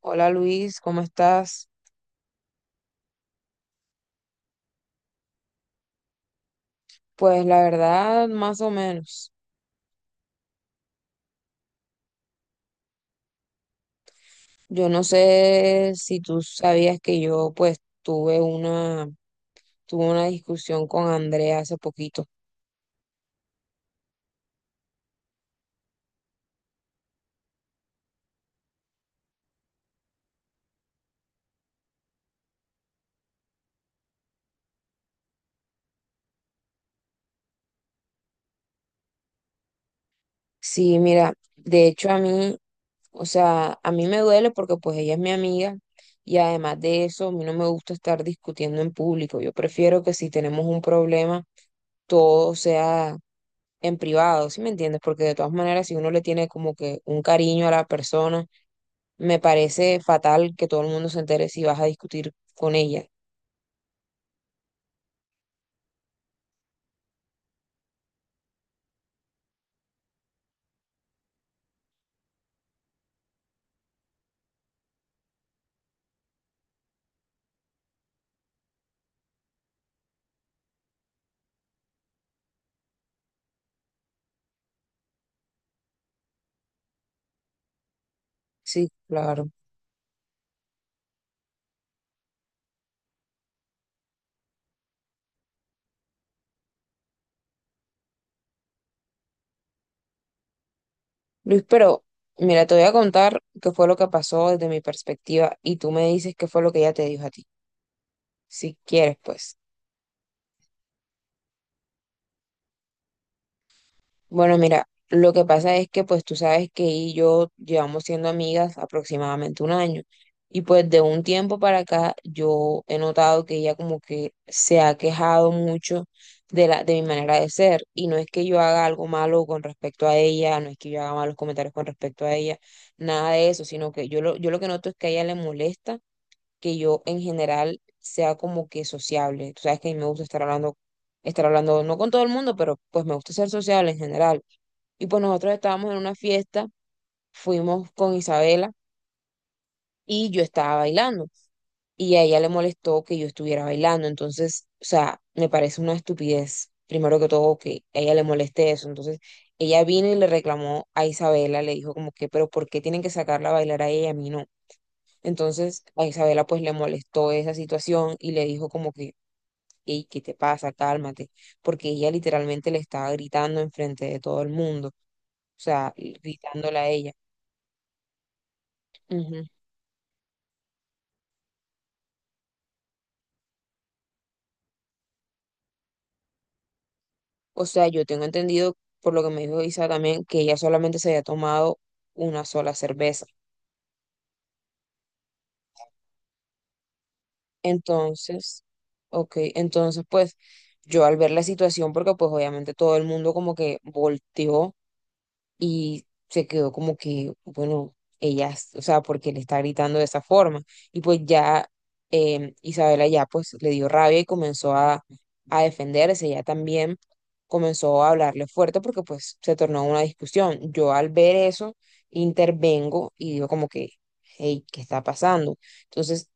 Hola Luis, ¿cómo estás? Pues la verdad, más o menos. Yo no sé si tú sabías que yo pues tuve una discusión con Andrea hace poquito. Sí, mira, de hecho a mí, o sea, a mí me duele porque pues ella es mi amiga y además de eso, a mí no me gusta estar discutiendo en público. Yo prefiero que si tenemos un problema, todo sea en privado, ¿sí me entiendes? Porque de todas maneras, si uno le tiene como que un cariño a la persona, me parece fatal que todo el mundo se entere si vas a discutir con ella. Sí, claro. Luis, pero mira, te voy a contar qué fue lo que pasó desde mi perspectiva y tú me dices qué fue lo que ella te dijo a ti, si quieres, pues. Bueno, mira, lo que pasa es que pues tú sabes que ella y yo llevamos siendo amigas aproximadamente un año y pues de un tiempo para acá yo he notado que ella como que se ha quejado mucho de la de mi manera de ser y no es que yo haga algo malo con respecto a ella, no es que yo haga malos comentarios con respecto a ella, nada de eso, sino que yo lo que noto es que a ella le molesta que yo en general sea como que sociable. Tú sabes que a mí me gusta estar hablando no con todo el mundo, pero pues me gusta ser sociable en general. Y pues nosotros estábamos en una fiesta, fuimos con Isabela y yo estaba bailando. Y a ella le molestó que yo estuviera bailando. Entonces, o sea, me parece una estupidez, primero que todo, que a ella le moleste eso. Entonces, ella vino y le reclamó a Isabela, le dijo como que, pero ¿por qué tienen que sacarla a bailar a ella, y a mí no? Entonces a Isabela pues le molestó esa situación y le dijo como que, hey, ¿qué te pasa? Cálmate, porque ella literalmente le estaba gritando enfrente de todo el mundo, o sea, gritándole a ella. Ujú. O sea, yo tengo entendido, por lo que me dijo Isa también, que ella solamente se había tomado una sola cerveza. Entonces, ok, entonces pues yo al ver la situación, porque pues obviamente todo el mundo como que volteó y se quedó como que, bueno, ella, o sea, porque le está gritando de esa forma. Y pues ya Isabela ya pues le dio rabia y a defenderse, ella también comenzó a hablarle fuerte porque pues se tornó una discusión. Yo al ver eso intervengo y digo como que, hey, ¿qué está pasando? Entonces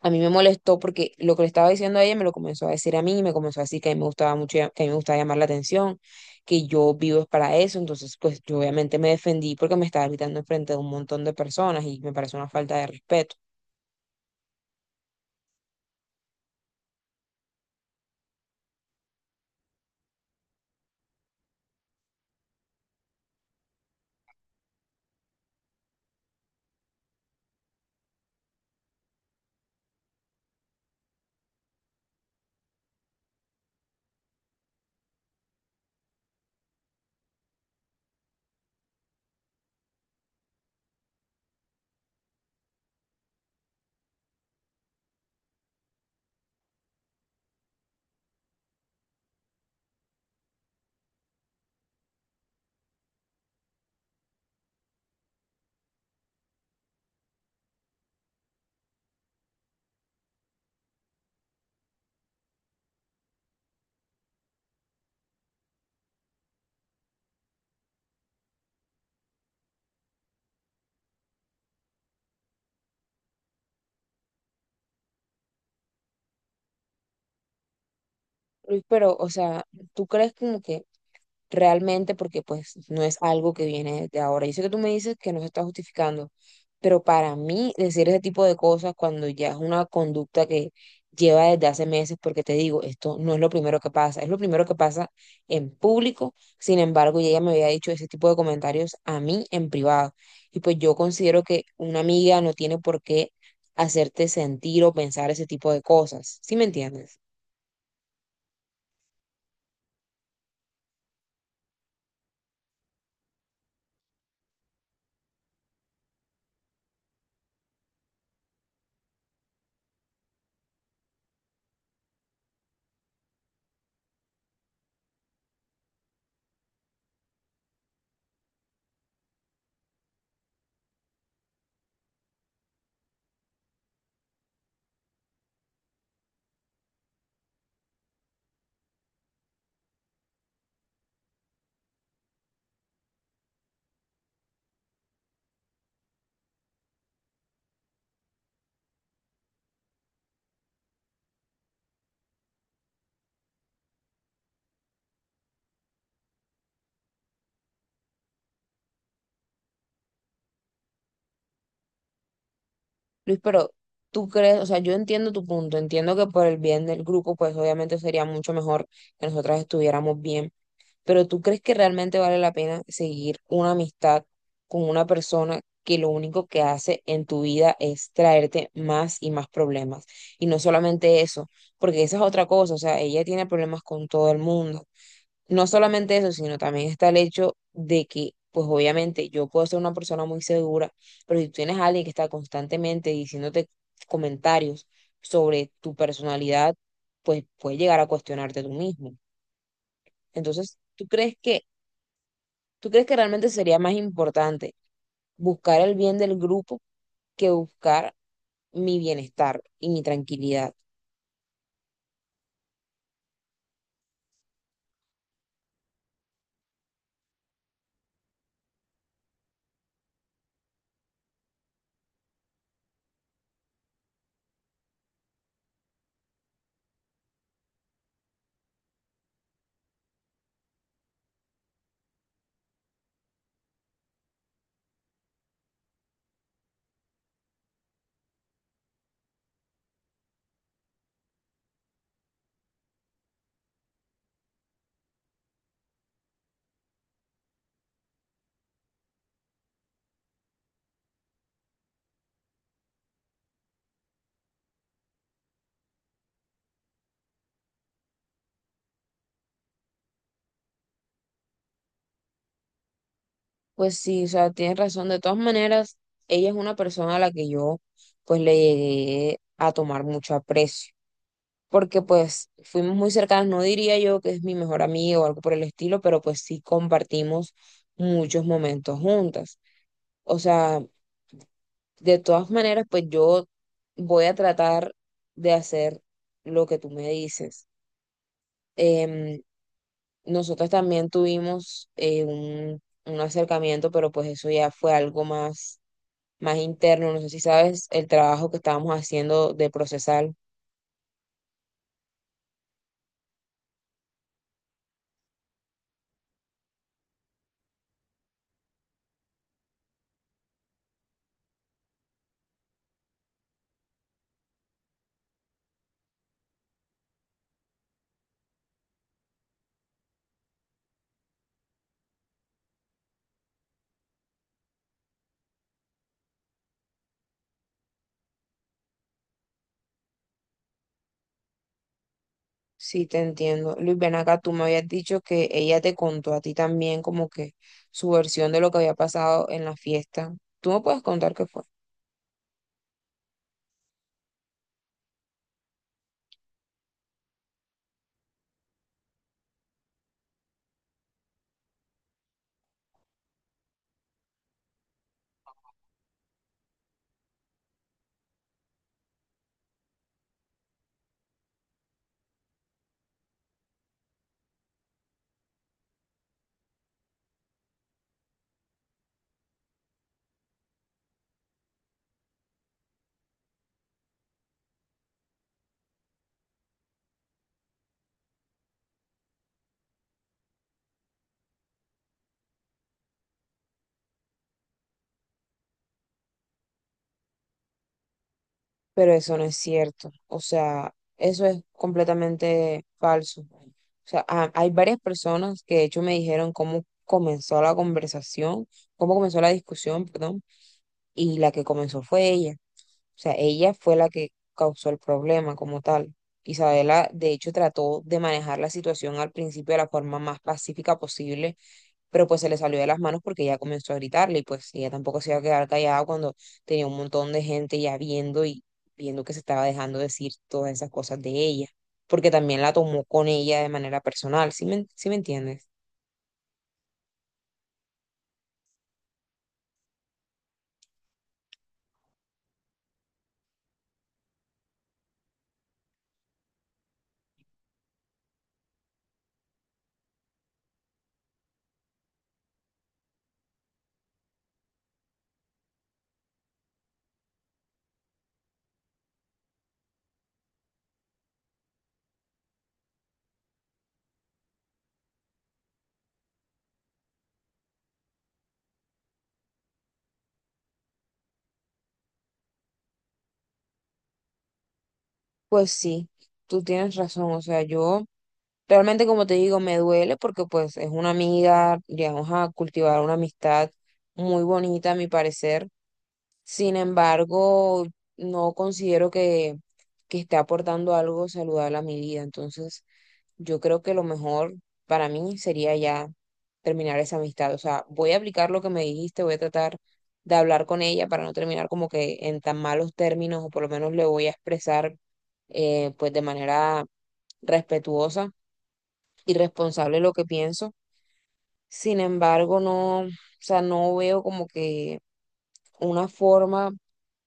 a mí me molestó porque lo que le estaba diciendo a ella me lo comenzó a decir a mí, me comenzó a decir que a mí me gustaba mucho, que a mí me gustaba llamar la atención, que yo vivo es para eso, entonces pues yo obviamente me defendí porque me estaba gritando enfrente de un montón de personas y me parece una falta de respeto. Luis, pero, o sea, ¿tú crees como que realmente? Porque pues no es algo que viene de ahora. Yo sé que tú me dices que no se está justificando, pero para mí decir ese tipo de cosas cuando ya es una conducta que lleva desde hace meses, porque te digo, esto no es lo primero que pasa, es lo primero que pasa en público, sin embargo, y ella me había dicho ese tipo de comentarios a mí en privado. Y pues yo considero que una amiga no tiene por qué hacerte sentir o pensar ese tipo de cosas, ¿sí me entiendes? Luis, pero tú crees, o sea, yo entiendo tu punto, entiendo que por el bien del grupo, pues obviamente sería mucho mejor que nosotras estuviéramos bien, pero ¿tú crees que realmente vale la pena seguir una amistad con una persona que lo único que hace en tu vida es traerte más y más problemas? Y no solamente eso, porque esa es otra cosa, o sea, ella tiene problemas con todo el mundo. No solamente eso, sino también está el hecho de que, pues obviamente yo puedo ser una persona muy segura, pero si tú tienes a alguien que está constantemente diciéndote comentarios sobre tu personalidad, pues puede llegar a cuestionarte tú mismo. Entonces, ¿tú crees que realmente sería más importante buscar el bien del grupo que buscar mi bienestar y mi tranquilidad? Pues sí, o sea, tienes razón. De todas maneras, ella es una persona a la que yo pues le llegué a tomar mucho aprecio, porque pues fuimos muy cercanas, no diría yo que es mi mejor amiga o algo por el estilo, pero pues sí compartimos muchos momentos juntas. O sea, de todas maneras, pues yo voy a tratar de hacer lo que tú me dices. Em, Nosotros también tuvimos un acercamiento, pero pues eso ya fue algo más más interno. No sé si sabes el trabajo que estábamos haciendo de procesal. Sí, te entiendo. Luis, ven acá, tú me habías dicho que ella te contó a ti también como que su versión de lo que había pasado en la fiesta. Tú me puedes contar qué fue. Pero eso no es cierto. O sea, eso es completamente falso. O sea, hay varias personas que de hecho me dijeron cómo comenzó la conversación, cómo comenzó la discusión, perdón, y la que comenzó fue ella. O sea, ella fue la que causó el problema como tal. Isabela, de hecho, trató de manejar la situación al principio de la forma más pacífica posible, pero pues se le salió de las manos porque ella comenzó a gritarle y pues ella tampoco se iba a quedar callada cuando tenía un montón de gente ya viendo y viendo que se estaba dejando decir todas esas cosas de ella, porque también la tomó con ella de manera personal, ¿sí me entiendes? Pues sí, tú tienes razón, o sea, yo... Realmente, como te digo, me duele porque pues es una amiga, llegamos a cultivar una amistad muy bonita, a mi parecer. Sin embargo, no que esté aportando algo saludable a mi vida. Entonces, yo creo que lo mejor para mí sería ya terminar esa amistad. O sea, voy a aplicar lo que me dijiste, voy a tratar de hablar con ella para no terminar como que en tan malos términos, o por lo menos le voy a expresar pues de manera respetuosa irresponsable lo que pienso. Sin embargo, o sea, no veo como que una forma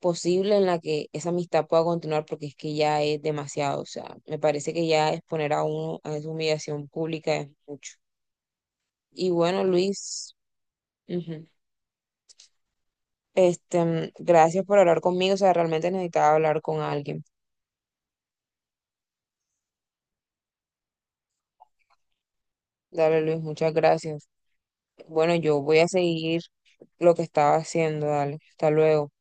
posible en la que esa amistad pueda continuar porque es que ya es demasiado, o sea, me parece que ya exponer a uno a esa humillación pública es mucho. Y bueno, Luis, ujú, gracias por hablar conmigo, o sea, realmente necesitaba hablar con alguien. Dale, Luis, muchas gracias. Bueno, yo voy a seguir lo que estaba haciendo, dale, hasta luego.